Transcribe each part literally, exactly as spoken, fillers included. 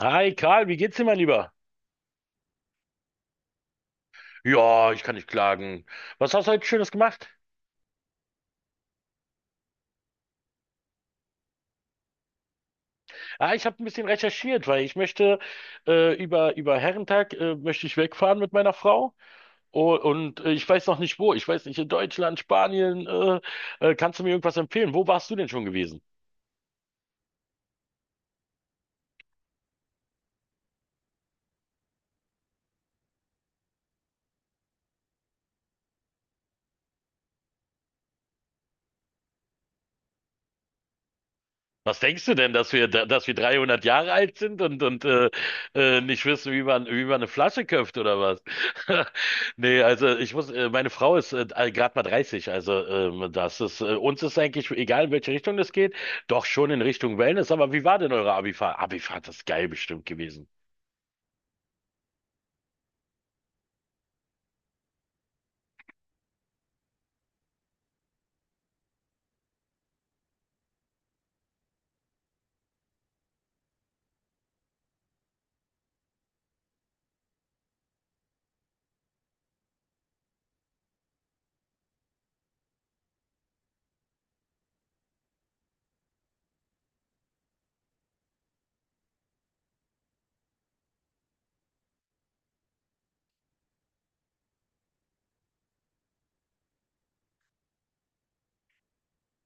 Hi Karl, wie geht's dir, mein Lieber? Ja, ich kann nicht klagen. Was hast du heute Schönes gemacht? Ah, ich habe ein bisschen recherchiert, weil ich möchte äh, über über Herrentag äh, möchte ich wegfahren mit meiner Frau. O- und äh, ich weiß noch nicht wo. Ich weiß nicht, in Deutschland, Spanien. Äh, äh, kannst du mir irgendwas empfehlen? Wo warst du denn schon gewesen? Was denkst du denn, dass wir, dass wir dreihundert Jahre alt sind und, und äh, äh, nicht wissen, wie man, wie man eine Flasche köpft oder was? Nee, also ich muss, äh, meine Frau ist äh, gerade mal dreißig, also ähm, das ist, äh, uns ist eigentlich egal, in welche Richtung das geht, doch schon in Richtung Wellness. Aber wie war denn eure Abifahrt? Abifahrt ist geil bestimmt gewesen.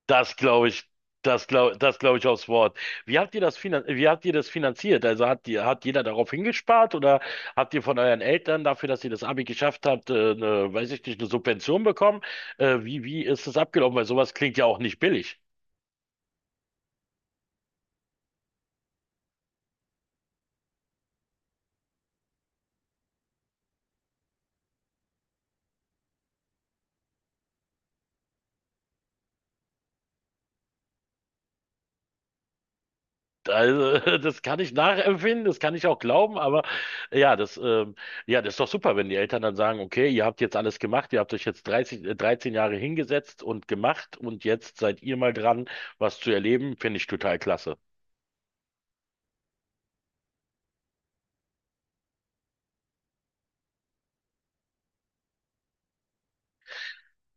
Das glaube ich, das glaube, das glaube ich aufs Wort. Wie habt ihr das finan wie habt ihr das finanziert? Also hat die, hat jeder darauf hingespart oder habt ihr von euren Eltern dafür, dass ihr das Abi geschafft habt, äh, eine, weiß ich nicht, eine Subvention bekommen? Äh, wie, wie ist das abgelaufen? Weil sowas klingt ja auch nicht billig. Also, das kann ich nachempfinden, das kann ich auch glauben, aber ja, das, ähm, ja, das ist doch super, wenn die Eltern dann sagen, okay, ihr habt jetzt alles gemacht, ihr habt euch jetzt dreißig, äh, dreizehn Jahre hingesetzt und gemacht, und jetzt seid ihr mal dran, was zu erleben, finde ich total klasse.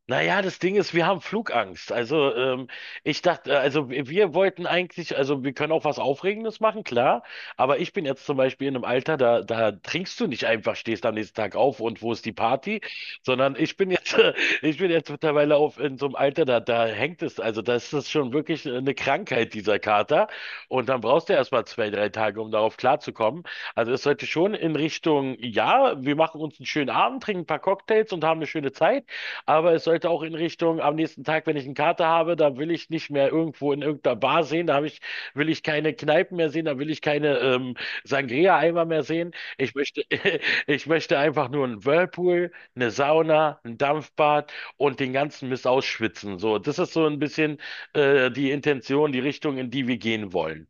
Naja, das Ding ist, wir haben Flugangst. Also, ähm, ich dachte, äh, also wir wir wollten eigentlich, also wir können auch was Aufregendes machen, klar. Aber ich bin jetzt zum Beispiel in einem Alter, da, da trinkst du nicht einfach, stehst am nächsten Tag auf und wo ist die Party, sondern ich bin jetzt, äh, ich bin jetzt mittlerweile auf in so einem Alter, da, da hängt es, also das ist das schon wirklich eine Krankheit, dieser Kater. Und dann brauchst du erstmal zwei, drei Tage, um darauf klarzukommen. Also es sollte schon in Richtung, ja, wir machen uns einen schönen Abend, trinken ein paar Cocktails und haben eine schöne Zeit. Aber es sollte auch in Richtung, am nächsten Tag, wenn ich einen Kater habe, da will ich nicht mehr irgendwo in irgendeiner Bar sehen, da habe ich, will ich keine Kneipen mehr sehen, da will ich keine ähm, Sangria-Eimer mehr sehen. Ich möchte, ich möchte einfach nur einen Whirlpool, eine Sauna, ein Dampfbad und den ganzen Mist ausschwitzen. So, das ist so ein bisschen äh, die Intention, die Richtung, in die wir gehen wollen.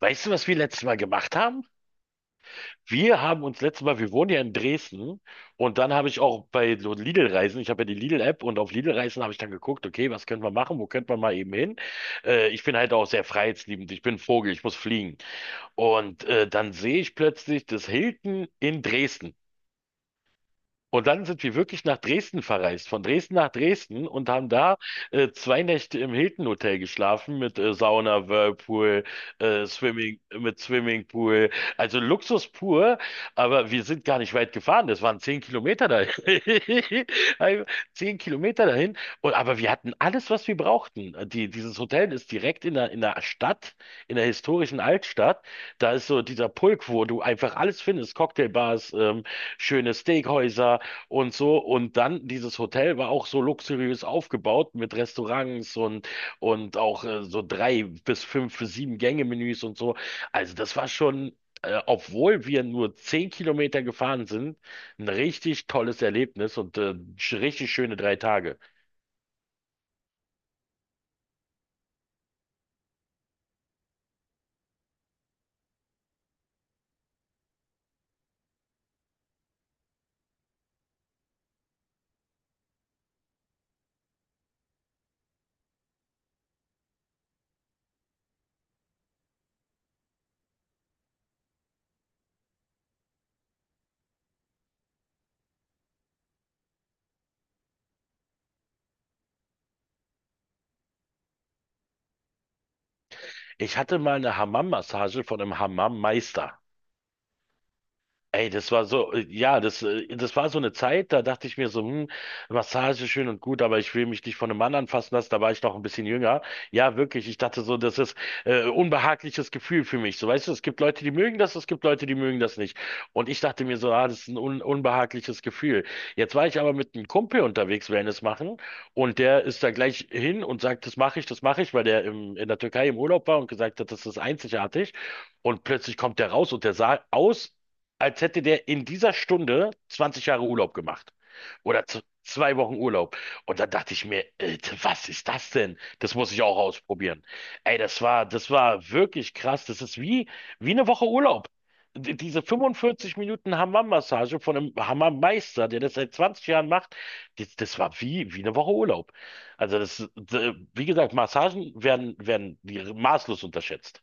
Weißt du, was wir letztes Mal gemacht haben? Wir haben uns letztes Mal, wir wohnen ja in Dresden, und dann habe ich auch bei so Lidl-Reisen, ich habe ja die Lidl-App, und auf Lidl-Reisen habe ich dann geguckt, okay, was können wir machen, wo könnte man mal eben hin? Äh, ich bin halt auch sehr freiheitsliebend, ich bin ein Vogel, ich muss fliegen. Und äh, dann sehe ich plötzlich das Hilton in Dresden. Und dann sind wir wirklich nach Dresden verreist, von Dresden nach Dresden, und haben da äh, zwei Nächte im Hilton Hotel geschlafen mit äh, Sauna, Whirlpool, äh, Swimming, mit Swimmingpool. Also Luxus pur, aber wir sind gar nicht weit gefahren. Das waren zehn Kilometer dahin. Ein- Zehn Kilometer dahin. Und, aber wir hatten alles, was wir brauchten. Die, dieses Hotel ist direkt in der, in der Stadt, in der historischen Altstadt. Da ist so dieser Pulk, wo du einfach alles findest. Cocktailbars, ähm, schöne Steakhäuser und so. Und dann, dieses Hotel war auch so luxuriös aufgebaut mit Restaurants und, und auch äh, so drei bis fünf, sieben Gänge-Menüs und so. Also das war schon, äh, obwohl wir nur zehn Kilometer gefahren sind, ein richtig tolles Erlebnis und äh, sch- richtig schöne drei Tage. Ich hatte mal eine Hammam-Massage von einem Hammam-Meister. Ey, das war so, äh, ja, das, äh, das war so eine Zeit, da dachte ich mir so, hm, Massage schön und gut, aber ich will mich nicht von einem Mann anfassen lassen, da war ich noch ein bisschen jünger. Ja, wirklich, ich dachte so, das ist äh, unbehagliches Gefühl für mich. So, weißt du, es gibt Leute, die mögen das, es gibt Leute, die mögen das nicht. Und ich dachte mir so, ah, das ist ein un unbehagliches Gefühl. Jetzt war ich aber mit einem Kumpel unterwegs, Wellness machen, und der ist da gleich hin und sagt, das mache ich, das mache ich, weil der im, in der Türkei im Urlaub war und gesagt hat, das ist einzigartig. Und plötzlich kommt der raus und der sah aus, als hätte der in dieser Stunde zwanzig Jahre Urlaub gemacht. Oder z- zwei Wochen Urlaub. Und dann dachte ich mir, Alter, was ist das denn? Das muss ich auch ausprobieren. Ey, das war, das war wirklich krass. Das ist wie, wie eine Woche Urlaub. D- Diese fünfundvierzig Minuten Hammam-Massage von einem Hammam-Meister, der das seit zwanzig Jahren macht, das, das war wie, wie eine Woche Urlaub. Also das, d- wie gesagt, Massagen werden, werden die maßlos unterschätzt.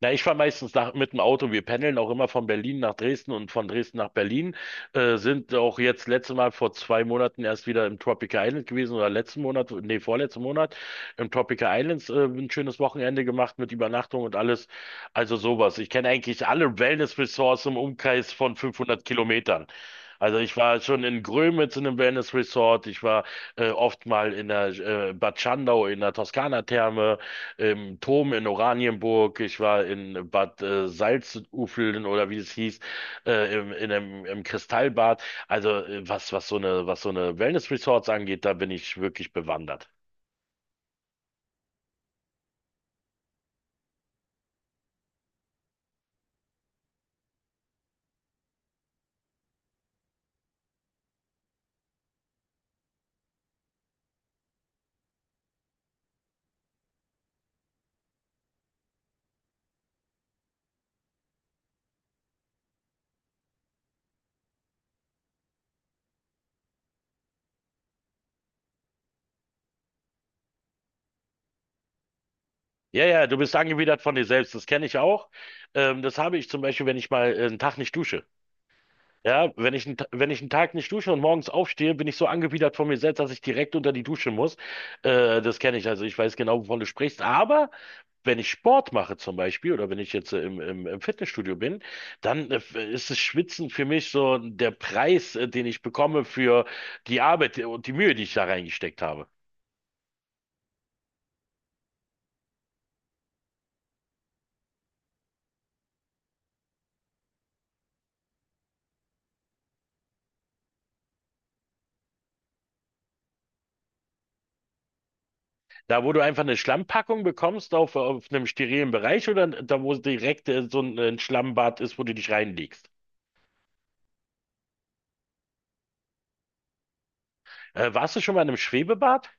Na, ich fahre meistens nach, mit dem Auto. Wir pendeln auch immer von Berlin nach Dresden und von Dresden nach Berlin. Äh, sind auch jetzt letzte Mal vor zwei Monaten erst wieder im Tropical Island gewesen, oder letzten Monat, nee, vorletzten Monat im Tropical Islands äh, ein schönes Wochenende gemacht mit Übernachtung und alles. Also sowas. Ich kenne eigentlich alle Wellness-Resorts im Umkreis von fünfhundert Kilometern. Also ich war schon in Grömitz in einem Wellness Resort, ich war äh, oft mal in der äh, Bad Schandau in der Toskana-Therme, im Dom in Oranienburg, ich war in Bad äh, Salzufeln oder wie es hieß, äh, im, in einem, im Kristallbad. Also äh, was, was so eine, was so eine Wellness-Resorts angeht, da bin ich wirklich bewandert. Ja, ja, du bist angewidert von dir selbst, das kenne ich auch. Ähm, das habe ich zum Beispiel, wenn ich mal äh, einen Tag nicht dusche. Ja, wenn ich, einen Ta- wenn ich einen Tag nicht dusche und morgens aufstehe, bin ich so angewidert von mir selbst, dass ich direkt unter die Dusche muss. Äh, das kenne ich, also ich weiß genau, wovon du sprichst. Aber wenn ich Sport mache zum Beispiel, oder wenn ich jetzt äh, im, im, im Fitnessstudio bin, dann äh, ist das Schwitzen für mich so der Preis, äh, den ich bekomme für die Arbeit und die Mühe, die ich da reingesteckt habe. Da, wo du einfach eine Schlammpackung bekommst auf, auf einem sterilen Bereich, oder da, wo direkt äh, so ein, ein Schlammbad ist, wo du dich reinlegst. Äh, warst du schon mal in einem Schwebebad?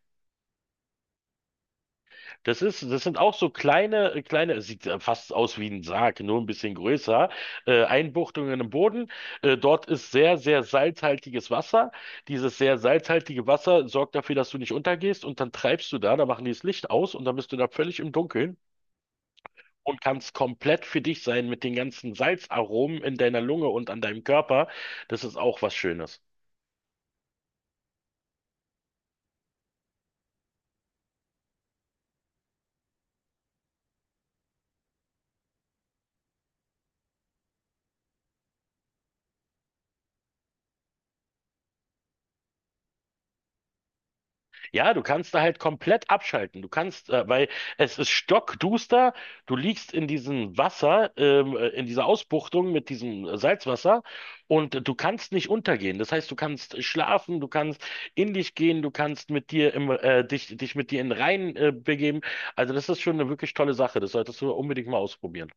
Das ist, das sind auch so kleine, kleine, es sieht äh, fast aus wie ein Sarg, nur ein bisschen größer, äh, Einbuchtungen im Boden. Äh, dort ist sehr, sehr salzhaltiges Wasser. Dieses sehr salzhaltige Wasser sorgt dafür, dass du nicht untergehst, und dann treibst du da, da machen die das Licht aus und dann bist du da völlig im Dunkeln und kannst komplett für dich sein mit den ganzen Salzaromen in deiner Lunge und an deinem Körper. Das ist auch was Schönes. Ja, du kannst da halt komplett abschalten. Du kannst, äh, weil es ist stockduster, du liegst in diesem Wasser, ähm, äh, in dieser Ausbuchtung mit diesem äh, Salzwasser, und äh, du kannst nicht untergehen. Das heißt, du kannst schlafen, du kannst in dich gehen, du kannst mit dir im, äh, dich, dich mit dir in den Rhein, äh, begeben. Also das ist schon eine wirklich tolle Sache. Das solltest du unbedingt mal ausprobieren.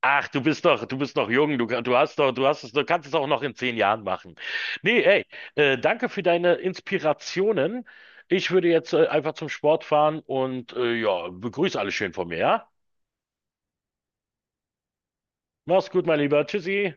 Ach, du bist doch, du bist noch jung, du, kann- du hast doch, du hast es, du kannst es auch noch in zehn Jahren machen. Nee, ey, äh, danke für deine Inspirationen. Ich würde jetzt äh, einfach zum Sport fahren und äh, ja, begrüße alle schön von mir, ja? Mach's gut, mein Lieber. Tschüssi.